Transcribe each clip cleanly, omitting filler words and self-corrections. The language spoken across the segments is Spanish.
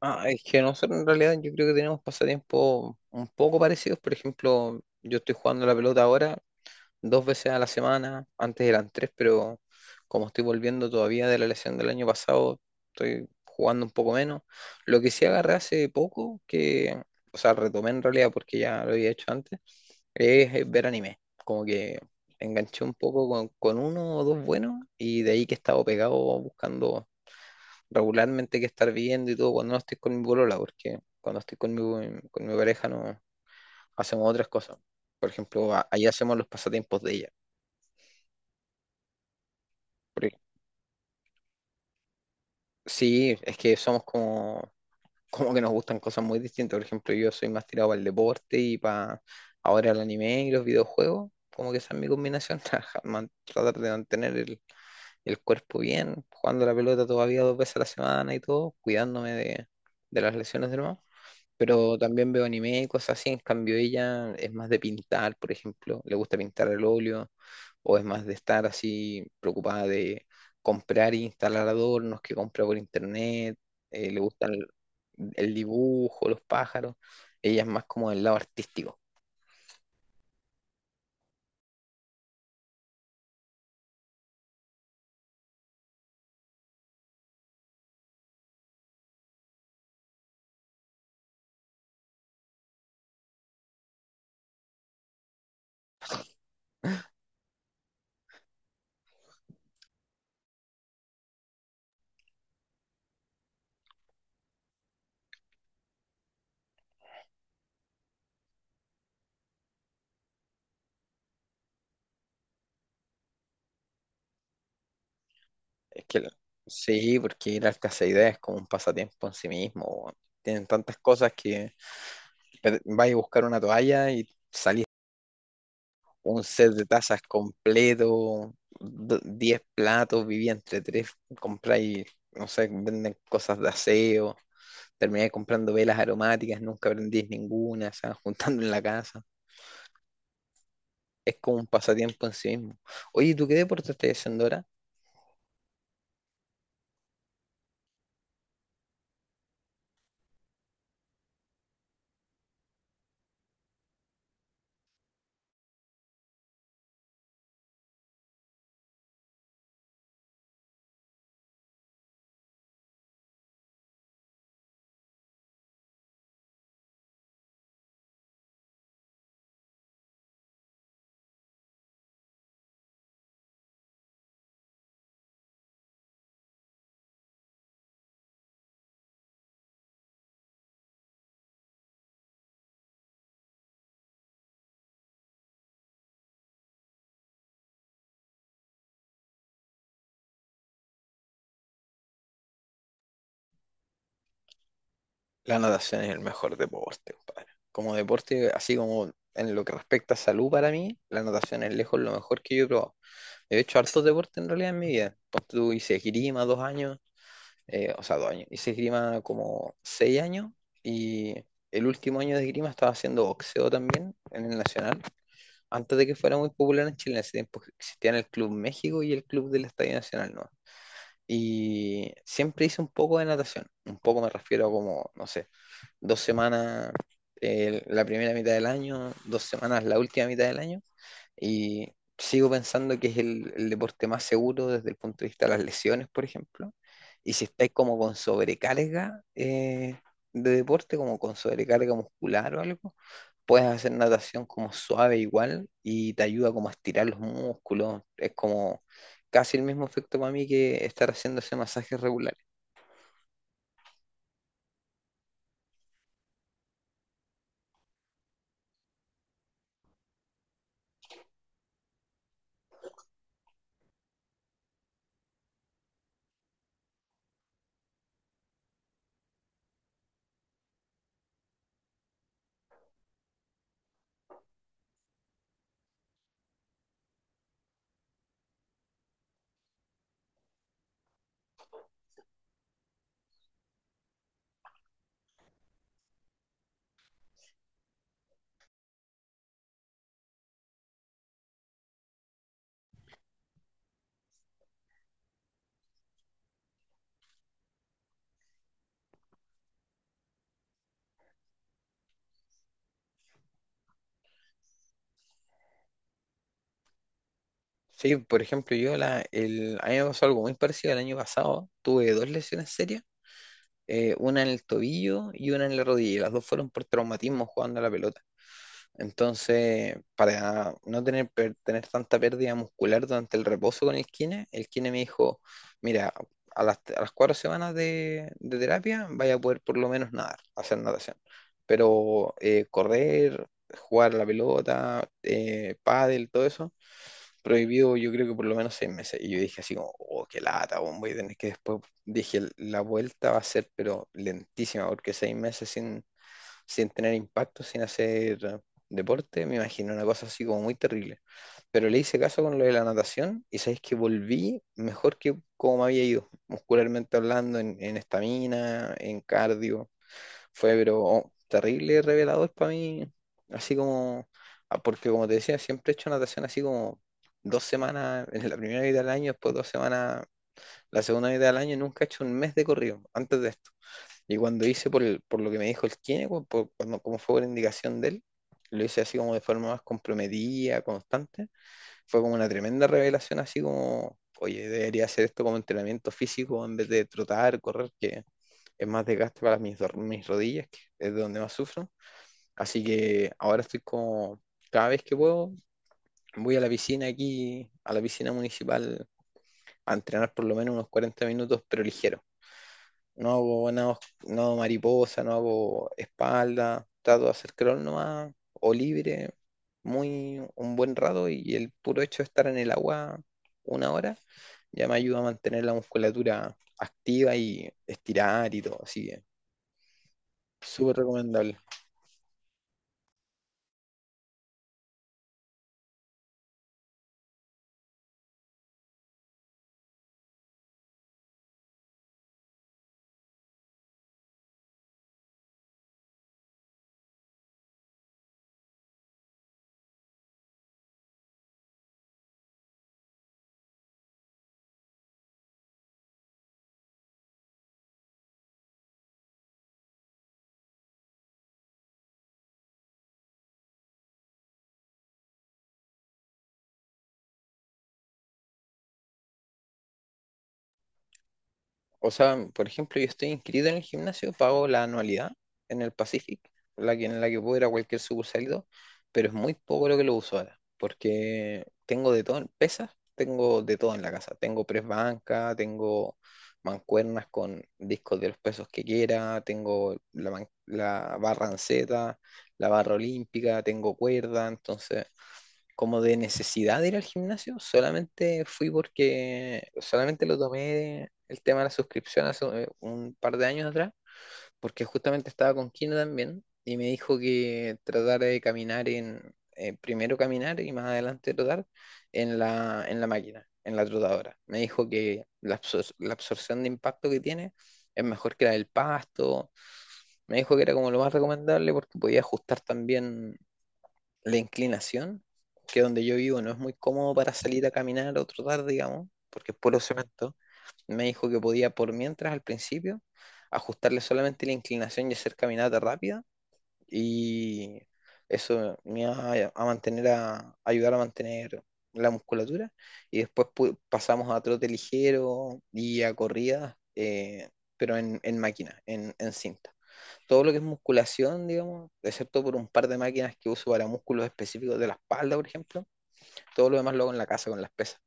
Ah, es que nosotros en realidad yo creo que tenemos pasatiempos un poco parecidos. Por ejemplo, yo estoy jugando la pelota ahora dos veces a la semana. Antes eran tres, pero como estoy volviendo todavía de la lesión del año pasado, estoy jugando un poco menos. Lo que sí agarré hace poco, que, o sea, retomé en realidad porque ya lo había hecho antes, es ver anime. Como que enganché un poco con uno o dos buenos y de ahí que he estado pegado buscando regularmente que estar viendo y todo cuando no estoy con mi polola, porque cuando estoy con mi pareja no hacemos otras cosas. Por ejemplo, ahí hacemos los pasatiempos de ella. Porque- sí, es que somos como, como que nos gustan cosas muy distintas. Por ejemplo, yo soy más tirado para el deporte y para ahora el anime y los videojuegos. Como que esa es mi combinación, tratar de mantener el cuerpo bien, jugando la pelota todavía dos veces a la semana y todo, cuidándome de las lesiones del mamá. Pero también veo anime y cosas así. En cambio, ella es más de pintar, por ejemplo, le gusta pintar al óleo, o es más de estar así preocupada de comprar e instalar adornos que compra por internet, le gustan el dibujo, los pájaros. Ella es más como del lado artístico. Es que sí, porque ir al casa de ideas es como un pasatiempo en sí mismo, weón. Tienen tantas cosas que vas a buscar una toalla y un set de tazas completo, 10 platos, vivía entre tres, compráis, no sé, venden cosas de aseo, terminé comprando velas aromáticas, nunca prendís ninguna, se van juntando en la casa. Es como un pasatiempo en sí mismo. Oye, ¿tú qué deporte estás haciendo ahora? La natación es el mejor deporte, compadre. Como deporte, así como en lo que respecta a salud para mí, la natación es lejos lo mejor que yo he probado. He hecho hartos deportes en realidad en mi vida. Pues tú hice esgrima 2 años, o sea, 2 años. Hice esgrima como 6 años y el último año de esgrima estaba haciendo boxeo también en el Nacional, antes de que fuera muy popular en Chile. En ese tiempo existían el Club México y el Club del Estadio Nacional, ¿no? Y siempre hice un poco de natación. Un poco me refiero a como, no sé, 2 semanas la primera mitad del año, 2 semanas la última mitad del año. Y sigo pensando que es el deporte más seguro desde el punto de vista de las lesiones, por ejemplo. Y si estáis como con sobrecarga de deporte, como con sobrecarga muscular o algo, puedes hacer natación como suave igual y te ayuda como a estirar los músculos. Es como casi el mismo efecto para mí que estar haciendo ese masaje regular. Sí, por ejemplo, a mí me pasó algo muy parecido el año pasado. Tuve dos lesiones serias, una en el tobillo y una en la rodilla, y las dos fueron por traumatismo jugando a la pelota. Entonces, para no tener, tener tanta pérdida muscular durante el reposo con el kine, me dijo, mira, a las 4 semanas de terapia vaya a poder por lo menos nadar, hacer natación. Pero correr, jugar a la pelota, pádel, todo eso, prohibido yo creo que por lo menos 6 meses. Y yo dije así como, oh, qué lata, weón, voy a tener que después, dije, la vuelta va a ser pero lentísima, porque 6 meses sin tener impacto, sin hacer deporte, me imaginé una cosa así como muy terrible. Pero le hice caso con lo de la natación y sabéis que volví mejor que como me había ido, muscularmente hablando, en estamina, en cardio. Fue, pero oh, terrible revelador para mí, así como, ah, porque como te decía, siempre he hecho natación así como 2 semanas en la primera mitad del año, después 2 semanas la segunda mitad del año, nunca he hecho un mes de corrido antes de esto. Y cuando hice por lo que me dijo el kine, cuando, como fue por indicación de él, lo hice así como de forma más comprometida, constante. Fue como una tremenda revelación, así como, oye, debería hacer esto como entrenamiento físico en vez de trotar, correr, que es más desgaste para mis rodillas, que es de donde más sufro. Así que ahora estoy como, cada vez que puedo, voy a la piscina aquí, a la piscina municipal, a entrenar por lo menos unos 40 minutos, pero ligero. No hago nada os- no hago mariposa, no hago espalda, trato de hacer crawl nomás, o libre, muy un buen rato y el puro hecho de estar en el agua una hora ya me ayuda a mantener la musculatura activa y estirar y todo, así que súper recomendable. O sea, por ejemplo, yo estoy inscrito en el gimnasio, pago la anualidad en el Pacific, en la que puedo ir a cualquier sucursal, y todo, pero es muy poco lo que lo uso ahora, porque tengo de todo, en pesas, tengo de todo en la casa. Tengo press banca, tengo mancuernas con discos de los pesos que quiera, tengo la barra anceta, la barra olímpica, tengo cuerda, entonces como de necesidad de ir al gimnasio, solamente fui porque solamente lo tomé el tema de la suscripción hace un par de años atrás, porque justamente estaba con Kino también y me dijo que tratara de caminar primero caminar y más adelante trotar en la máquina, en la trotadora. Me dijo que la absorción de impacto que tiene es mejor que la del pasto. Me dijo que era como lo más recomendable porque podía ajustar también la inclinación, que donde yo vivo no es muy cómodo para salir a caminar o trotar, digamos, porque es puro cemento, me dijo que podía por mientras al principio ajustarle solamente la inclinación y hacer caminata rápida y eso me iba a mantener a ayudar a mantener la musculatura y después pasamos a trote ligero y a corridas, pero en, máquina, en cinta todo lo que es musculación, digamos, excepto por un par de máquinas que uso para músculos específicos de la espalda, por ejemplo, todo lo demás lo hago en la casa con las pesas.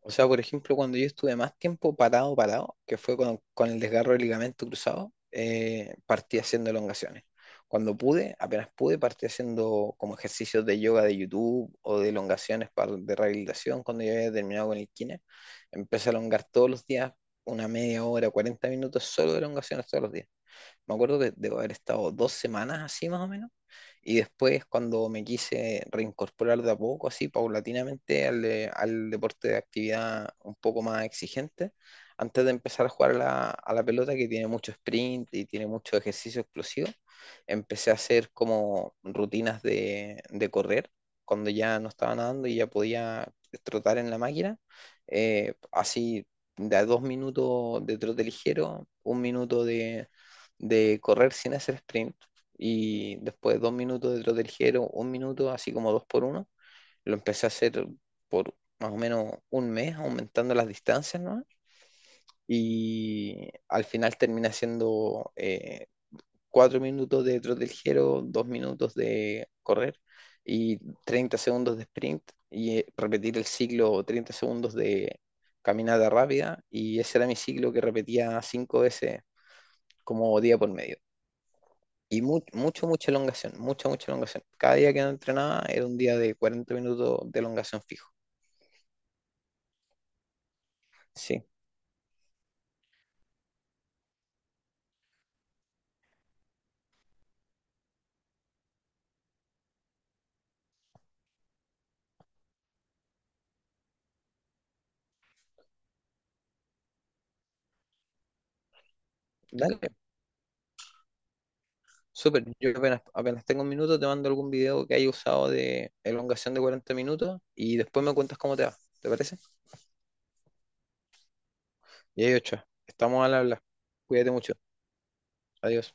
O sea, por ejemplo, cuando yo estuve más tiempo parado, parado, que fue con el desgarro del ligamento cruzado, partí haciendo elongaciones. Cuando pude, apenas pude, partí haciendo como ejercicios de yoga de YouTube o de elongaciones para, de rehabilitación. Cuando ya había terminado con el kine, empecé a elongar todos los días, una media hora, 40 minutos solo de elongaciones todos los días. Me acuerdo que debo haber estado 2 semanas así más o menos, y después cuando me quise reincorporar de a poco, así paulatinamente al deporte de actividad un poco más exigente, antes de empezar a jugar a la pelota que tiene mucho sprint y tiene mucho ejercicio explosivo, empecé a hacer como rutinas de correr cuando ya no estaba nadando y ya podía trotar en la máquina, así de a 2 minutos de trote ligero, 1 minuto de correr sin hacer sprint y después 2 minutos de trote ligero, un minuto, así como dos por uno, lo empecé a hacer por más o menos un mes, aumentando las distancias, ¿no? Y al final termina siendo 4 minutos de trote ligero, 2 minutos de correr y 30 segundos de sprint y repetir el ciclo 30 segundos de caminata rápida y ese era mi ciclo que repetía cinco veces como día por medio. Y mucho, mucha elongación, mucha, mucha elongación. Cada día que no entrenaba era un día de 40 minutos de elongación fijo. Sí, dale, súper. Yo apenas, apenas tengo 1 minuto, te mando algún video que haya usado de elongación de 40 minutos y después me cuentas cómo te va. ¿Te parece? Y ahí, ocho. Estamos al habla. Cuídate mucho. Adiós.